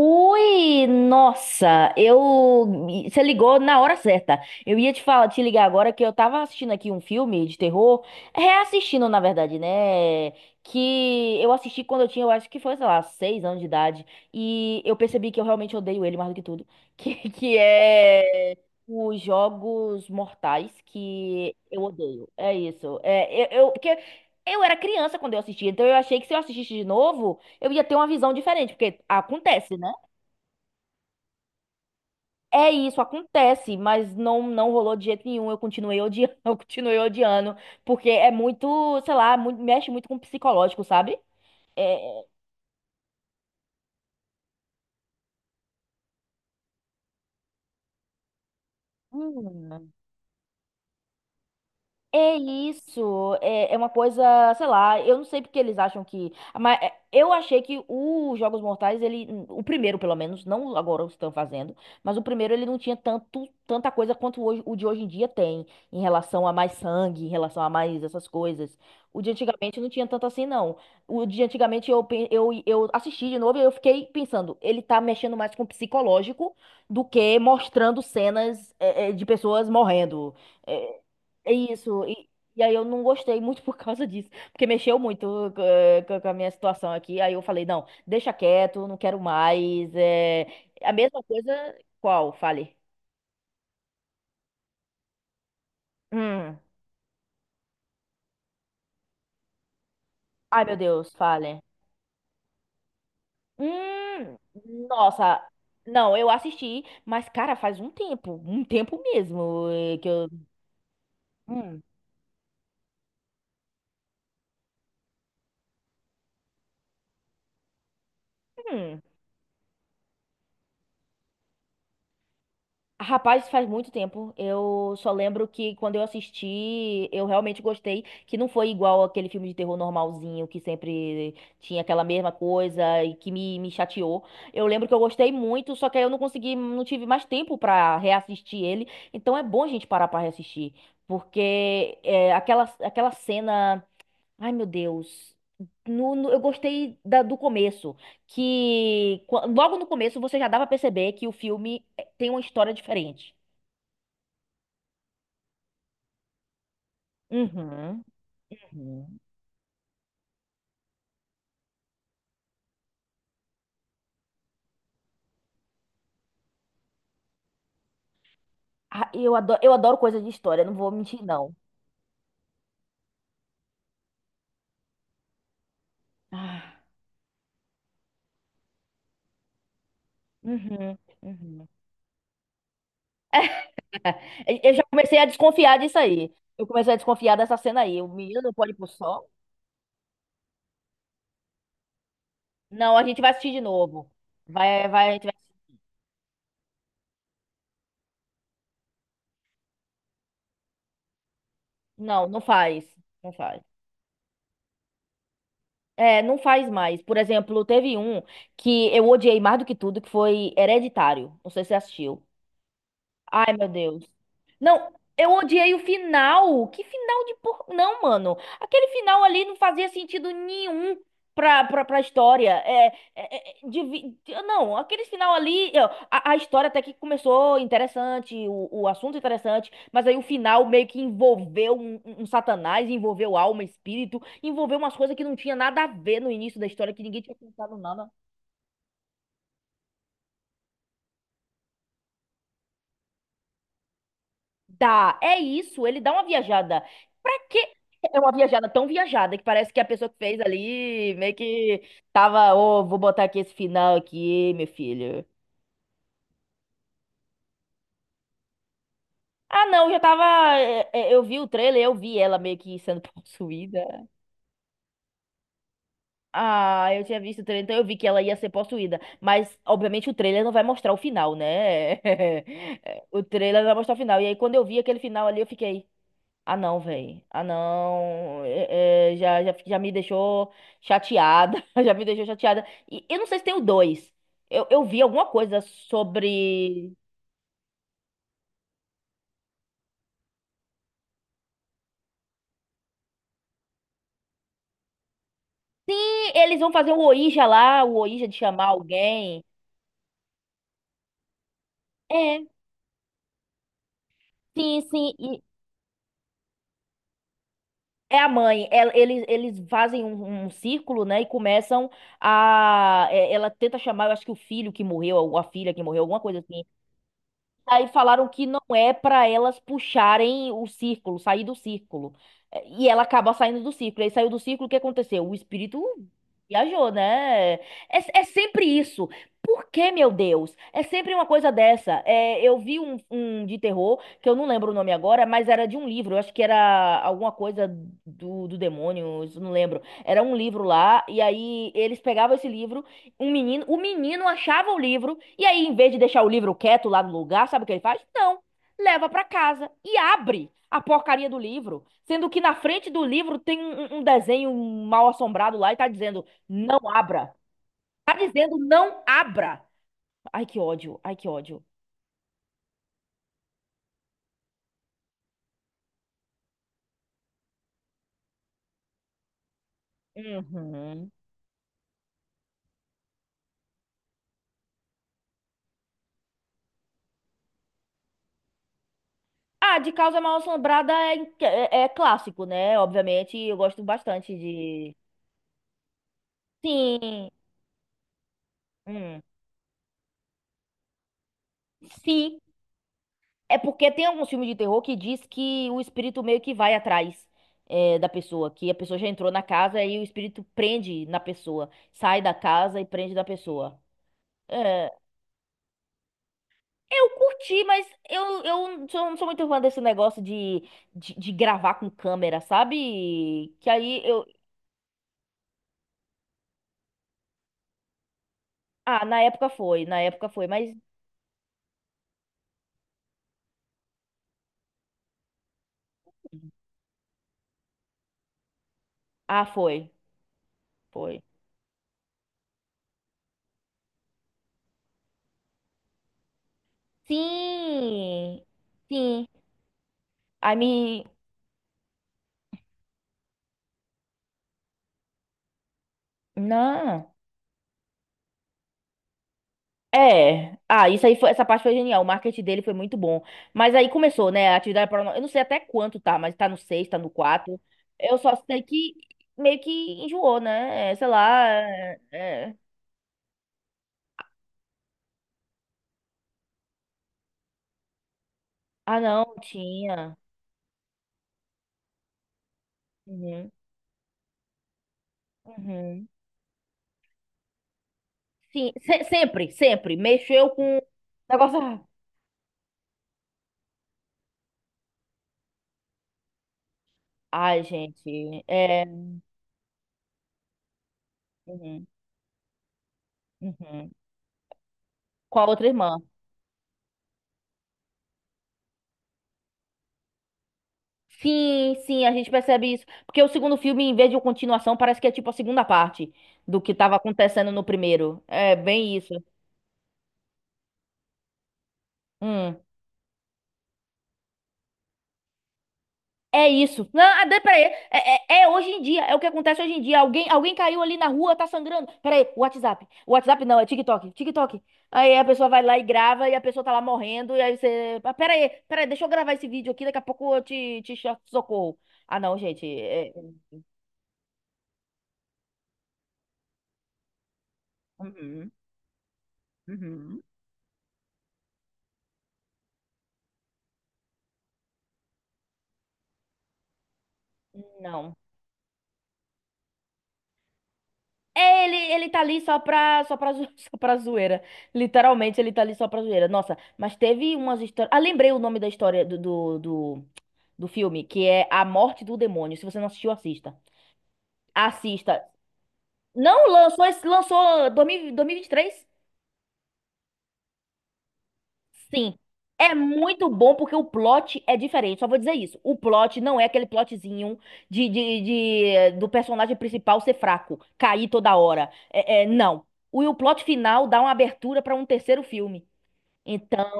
Ui, nossa, eu você ligou na hora certa. Eu ia te ligar agora que eu tava assistindo aqui um filme de terror, reassistindo na verdade, né? Que eu assisti quando eu tinha, eu acho que foi, sei lá, 6 anos de idade, e eu percebi que eu realmente odeio ele mais do que tudo, que é os Jogos Mortais que eu odeio. É isso. É, eu porque eu era criança quando eu assisti, então eu achei que se eu assistisse de novo, eu ia ter uma visão diferente, porque acontece, né? É isso, acontece, mas não rolou de jeito nenhum. Eu continuei odiando, eu continuei odiando, porque é muito, sei lá, mexe muito com o psicológico, sabe? É, hum. É isso, é uma coisa, sei lá, eu não sei porque eles acham que, mas é, eu achei que os Jogos Mortais, ele, o primeiro pelo menos, não agora os estão fazendo, mas o primeiro ele não tinha tanta coisa quanto hoje, o de hoje em dia tem, em relação a mais sangue, em relação a mais essas coisas. O de antigamente não tinha tanto assim, não. O de antigamente eu assisti de novo e eu fiquei pensando, ele tá mexendo mais com o psicológico do que mostrando cenas, de pessoas morrendo. É, é isso. E aí eu não gostei muito por causa disso, porque mexeu muito com a minha situação aqui. Aí eu falei, não, deixa quieto, não quero mais. É. A mesma coisa, qual? Fale. Hum. Ai, meu Deus, fale. Hum, nossa. Não, eu assisti, mas, cara, faz um tempo mesmo que eu. Hum. Hum. Rapaz, faz muito tempo. Eu só lembro que quando eu assisti, eu realmente gostei, que não foi igual aquele filme de terror normalzinho, que sempre tinha aquela mesma coisa e que me chateou. Eu lembro que eu gostei muito, só que aí eu não consegui, não tive mais tempo pra reassistir ele. Então é bom a gente parar pra reassistir, porque é, aquela cena. Ai, meu Deus. Eu gostei do começo, que logo no começo você já dava pra perceber que o filme tem uma história diferente. Uhum, uhum. Ah, eu adoro coisa de história, não vou mentir, não. Ah, uhum, uhum. Eu já comecei a desconfiar disso aí. Eu comecei a desconfiar dessa cena aí. O menino não pode ir pro sol? Não, a gente vai assistir de novo. Vai, vai, a gente vai. Não, não faz. Não faz. É, não faz mais. Por exemplo, teve um que eu odiei mais do que tudo, que foi Hereditário. Não sei se você assistiu. Ai, meu Deus. Não, eu odiei o final. Que final de por. Não, mano. Aquele final ali não fazia sentido nenhum pra história. É, é, devi- Não, aquele final ali. Ó, a história até que começou interessante, o assunto interessante, mas aí o final meio que envolveu um satanás, envolveu alma, espírito, envolveu umas coisas que não tinha nada a ver no início da história, que ninguém tinha pensado nada. Dá, é isso, ele dá uma viajada. Pra quê? É uma viajada tão viajada que parece que a pessoa que fez ali meio que tava, ô, vou botar aqui esse final aqui, meu filho. Ah, não, já tava. Eu vi o trailer, eu vi ela meio que sendo possuída. Ah, eu tinha visto o trailer, então eu vi que ela ia ser possuída. Mas, obviamente, o trailer não vai mostrar o final, né? O trailer não vai mostrar o final. E aí, quando eu vi aquele final ali, eu fiquei. Ah, não, velho. Ah, não. Já me deixou chateada. Já me deixou chateada. E eu não sei se tem o dois. Eu vi alguma coisa sobre. E eles vão fazer o Ouija lá, o Ouija de chamar alguém. É, sim, sim. E é a mãe. Eles fazem um círculo, né? E ela tenta chamar, eu acho que o filho que morreu, ou a filha que morreu, alguma coisa assim. Aí falaram que não é pra elas puxarem o círculo, sair do círculo. E ela acaba saindo do círculo. Aí saiu do círculo, o que aconteceu? O espírito viajou, né? É, é sempre isso. Por que, meu Deus? É sempre uma coisa dessa. É, eu vi um de terror, que eu não lembro o nome agora, mas era de um livro. Eu acho que era alguma coisa do demônio, isso eu não lembro. Era um livro lá, e aí eles pegavam esse livro. Um menino, o menino achava o livro e aí, em vez de deixar o livro quieto lá no lugar, sabe o que ele faz? Não. Leva pra casa e abre a porcaria do livro, sendo que na frente do livro tem um desenho mal assombrado lá e tá dizendo: "Não abra". Tá dizendo: "Não abra". Ai, que ódio. Ai, que ódio. Uhum. Ah, de causa mal assombrada é clássico, né? Obviamente, eu gosto bastante de. Sim. Hum. Sim. É porque tem alguns filmes de terror que diz que o espírito meio que vai atrás da pessoa, que a pessoa já entrou na casa e o espírito prende na pessoa, sai da casa e prende da pessoa. É, eu curti, mas eu não sou muito fã desse negócio de gravar com câmera, sabe? Que aí eu. Ah, na época foi, mas. Ah, foi, foi. Sim, sim. Aí me. Não. É. Ah, isso aí foi, essa parte foi genial. O marketing dele foi muito bom. Mas aí começou, né? A atividade paranormal. Eu não sei até quanto tá, mas tá no 6, tá no 4. Eu só sei que meio que enjoou, né? É, sei lá. Ah, não, tinha. Uhum, uhum. Sim, sempre, sempre. Mexeu com negócio. Ai, gente. É. Uhum, uhum. Com a outra irmã. Sim, sim, a gente percebe isso. Porque o segundo filme, em vez de uma continuação, parece que é tipo a segunda parte do que estava acontecendo no primeiro. É bem isso. Hum. É isso. Não, ah, peraí. É hoje em dia. É o que acontece hoje em dia. Alguém caiu ali na rua, tá sangrando. Peraí, WhatsApp. WhatsApp não, é TikTok. TikTok. Aí a pessoa vai lá e grava e a pessoa tá lá morrendo. E aí você. Ah, peraí, peraí, deixa eu gravar esse vídeo aqui. Daqui a pouco eu socorro. Ah, não, gente. Uhum, uhum. Não. É, ele tá ali só pra zoeira. Literalmente, ele tá ali só pra zoeira. Nossa, mas teve umas histórias. Ah, lembrei o nome da história do filme, que é A Morte do Demônio. Se você não assistiu, assista. Assista. Não, lançou, lançou 2023. Sim. É muito bom porque o plot é diferente. Só vou dizer isso. O plot não é aquele plotzinho de, de, do personagem principal ser fraco, cair toda hora. É, é, não. E o plot final dá uma abertura para um terceiro filme. Então,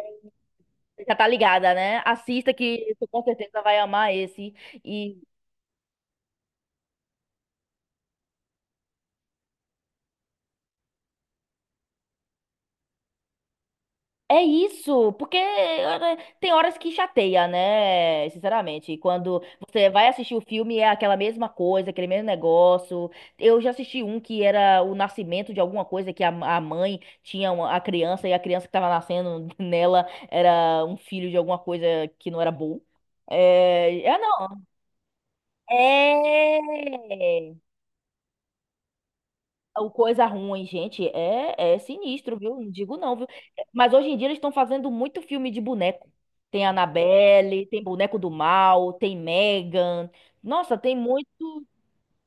já tá ligada, né? Assista que você com certeza vai amar esse. É isso, porque tem horas que chateia, né? Sinceramente, e quando você vai assistir o filme é aquela mesma coisa, aquele mesmo negócio. Eu já assisti um que era o nascimento de alguma coisa que a mãe tinha a criança e a criança que tava nascendo nela era um filho de alguma coisa que não era bom. É, ah, não. É. O coisa ruim, gente, é sinistro, viu? Não digo não, viu? Mas hoje em dia eles estão fazendo muito filme de boneco. Tem Annabelle, tem Boneco do Mal, tem Megan. Nossa, tem muito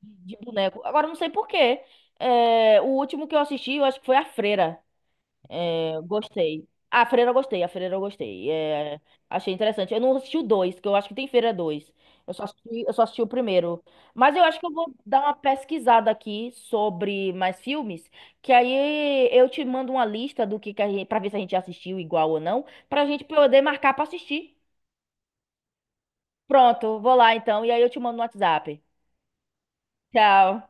de boneco. Agora, eu não sei por quê. É, o último que eu assisti, eu acho que foi A Freira. É, gostei. Ah, A Freira eu gostei, a Freira eu gostei. É, achei interessante. Eu não assisti o dois, que eu acho que tem Freira dois. Eu só assisti o primeiro. Mas eu acho que eu vou dar uma pesquisada aqui sobre mais filmes, que aí eu te mando uma lista do que a gente, pra ver se a gente assistiu igual ou não, pra gente poder marcar pra assistir. Pronto, vou lá então, e aí eu te mando no WhatsApp. Tchau.